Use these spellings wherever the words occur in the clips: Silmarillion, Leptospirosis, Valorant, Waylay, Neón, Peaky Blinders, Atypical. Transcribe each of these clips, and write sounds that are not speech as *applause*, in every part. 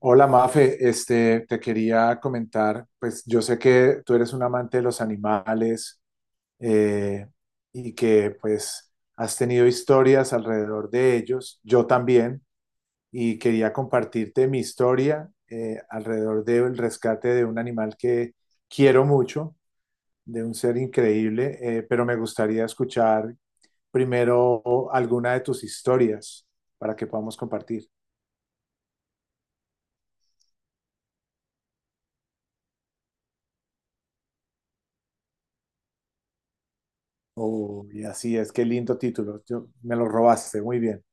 Hola Mafe, te quería comentar, pues yo sé que tú eres un amante de los animales eh, y que pues has tenido historias alrededor de ellos, yo también, y quería compartirte mi historia alrededor del rescate de un animal que quiero mucho, de un ser increíble, pero me gustaría escuchar primero alguna de tus historias para que podamos compartir. Uy, así es, qué lindo título. Yo, me lo robaste, muy bien.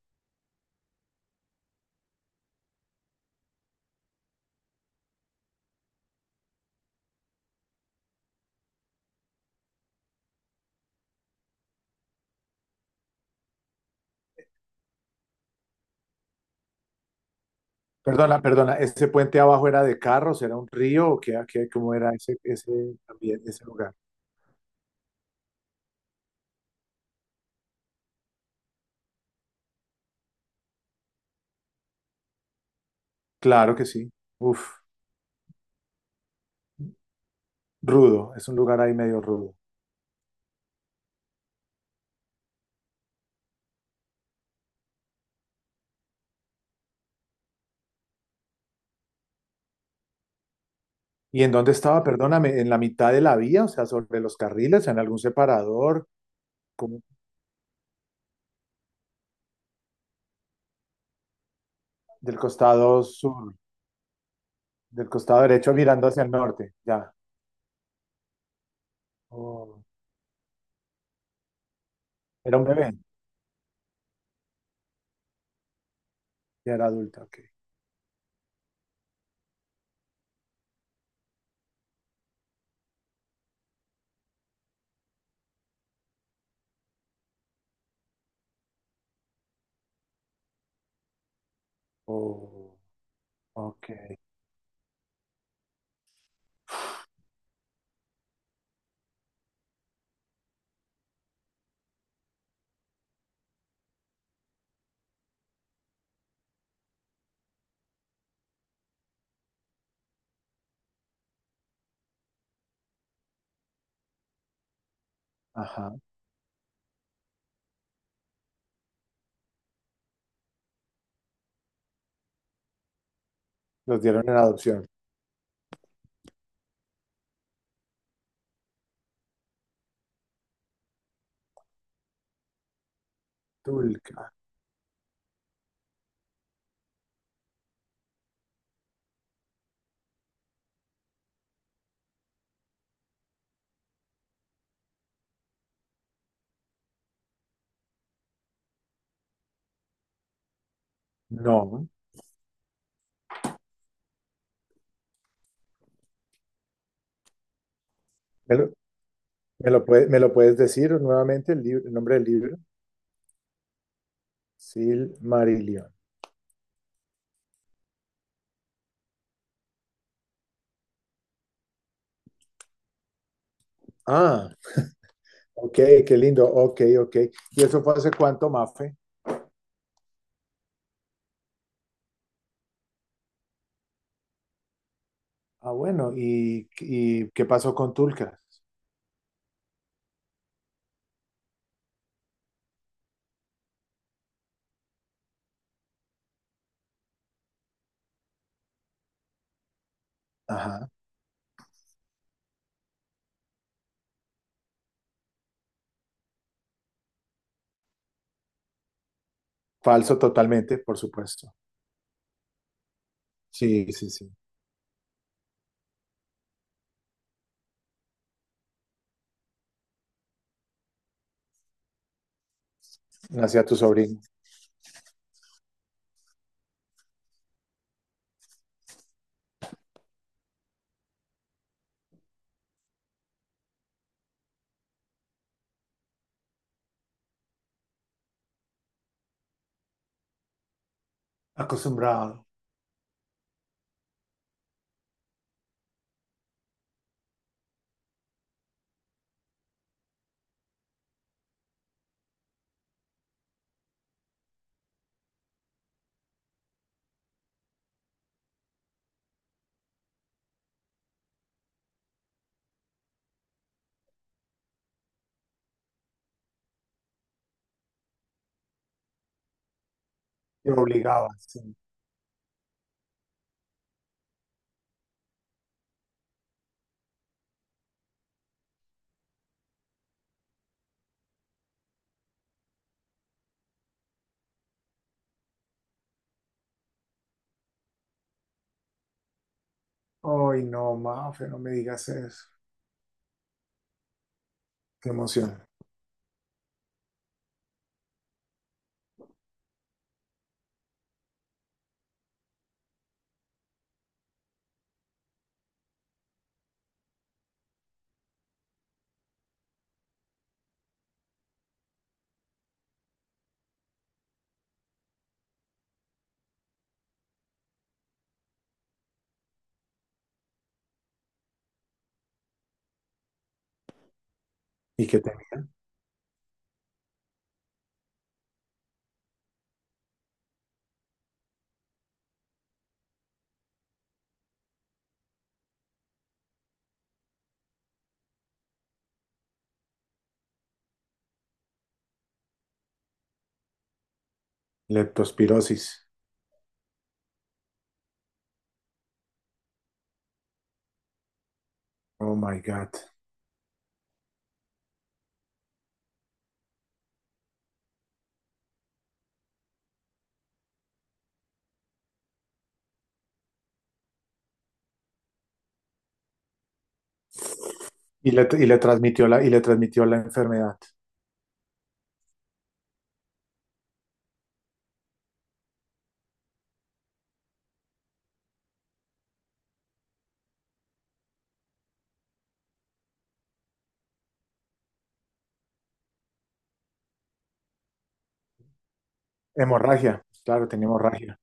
Perdona, perdona, ¿ese puente abajo era de carros, era un río o cómo era ese, ambiente, ese lugar? Claro que sí. Uf, rudo, es un lugar ahí medio rudo. ¿Y en dónde estaba? Perdóname, ¿en la mitad de la vía, o sea, sobre los carriles, en algún separador, como del costado sur, del costado derecho, mirando hacia el norte, ya? Oh, ¿era un bebé, ya era adulta? Ok. Oh, ok, ajá, los dieron en adopción. Tulca. No. ¿Me lo, me lo puedes decir nuevamente el nombre del libro? Silmarillion. Ah, ok, qué lindo. Ok, ok. ¿Y eso fue hace cuánto, Mafe? Ah, bueno. Y qué pasó con Tulca? Ajá. Falso totalmente, por supuesto. Sí, sí, sí. Nacía tu sobrino. Acostumbrado. Te obligaba, sí. Ay, no, Mafe, no me digas eso. Qué emoción. ¿Y qué te? Leptospirosis. Oh my God. Y le transmitió y le transmitió la enfermedad. Hemorragia, claro, tenía hemorragia.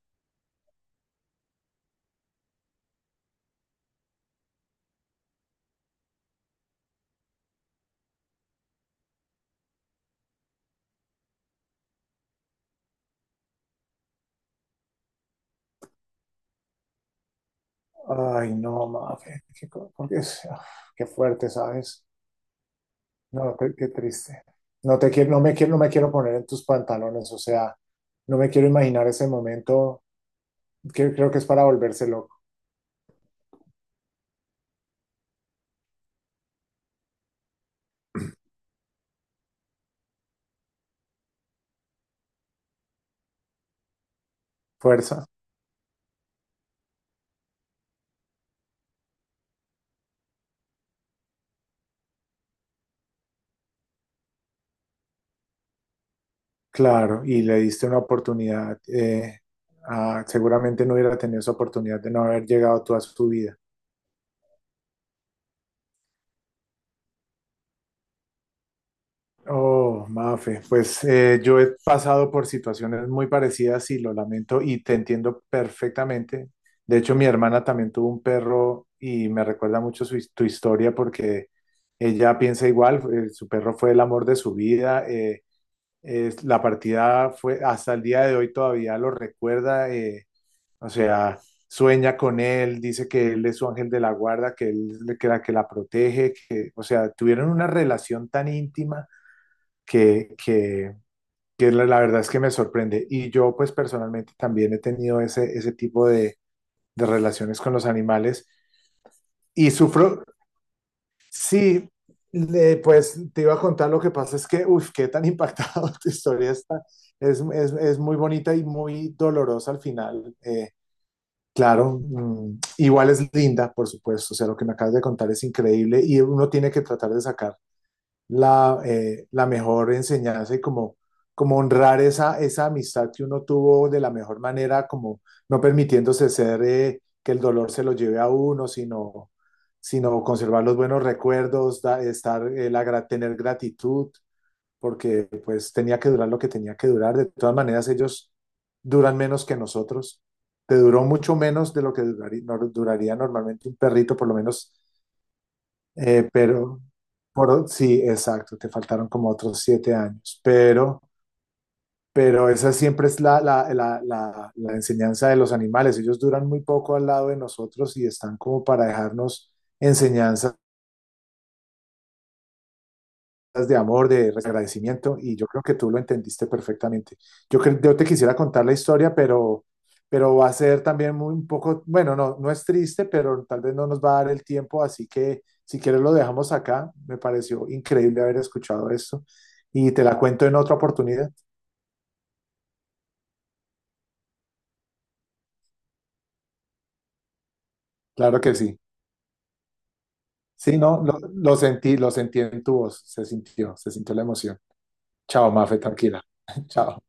Ay, no, Mafe, qué, co- por qué es- ah, qué fuerte, ¿sabes? No, qué, qué triste. No te quiero, no me quiero poner en tus pantalones, o sea, no me quiero imaginar ese momento, que creo que es para volverse loco. Fuerza. Claro, y le diste una oportunidad, seguramente no hubiera tenido esa oportunidad de no haber llegado tú a su vida. Oh, Mafe, pues yo he pasado por situaciones muy parecidas y lo lamento y te entiendo perfectamente. De hecho, mi hermana también tuvo un perro y me recuerda mucho tu historia porque ella piensa igual, su perro fue el amor de su vida, la partida fue, hasta el día de hoy todavía lo recuerda. O sea, sueña con él, dice que él es su ángel de la guarda, que él le que la protege, que, o sea, tuvieron una relación tan íntima que, que, que la verdad es que me sorprende. Y yo, pues personalmente también he tenido ese tipo de relaciones con los animales y sufro, sí, pues te iba a contar lo que pasa es que, uff, qué tan impactado *laughs* tu historia está. Es muy bonita y muy dolorosa al final. Claro, mm, igual es linda, por supuesto, o sea, lo que me acabas de contar es increíble y uno tiene que tratar de sacar la mejor enseñanza y como, como honrar esa, esa amistad que uno tuvo de la mejor manera, como no permitiéndose ser que el dolor se lo lleve a uno, sino, sino conservar los buenos recuerdos, estar, tener gratitud porque pues tenía que durar lo que tenía que durar. De todas maneras, ellos duran menos que nosotros. Te duró mucho menos de lo que duraría, duraría normalmente un perrito, por lo menos, pero por, sí, exacto, te faltaron como otros 7 años, pero esa siempre es la enseñanza de los animales. Ellos duran muy poco al lado de nosotros y están como para dejarnos enseñanzas de amor, de agradecimiento, y yo creo que tú lo entendiste perfectamente. Yo te quisiera contar la historia, pero va a ser también muy un poco, bueno, no, no es triste, pero tal vez no nos va a dar el tiempo, así que si quieres lo dejamos acá. Me pareció increíble haber escuchado esto y te la cuento en otra oportunidad. Claro que sí. Sí, no, lo sentí en tu voz, se sintió la emoción. Chao, Mafe, tranquila. *laughs* Chao.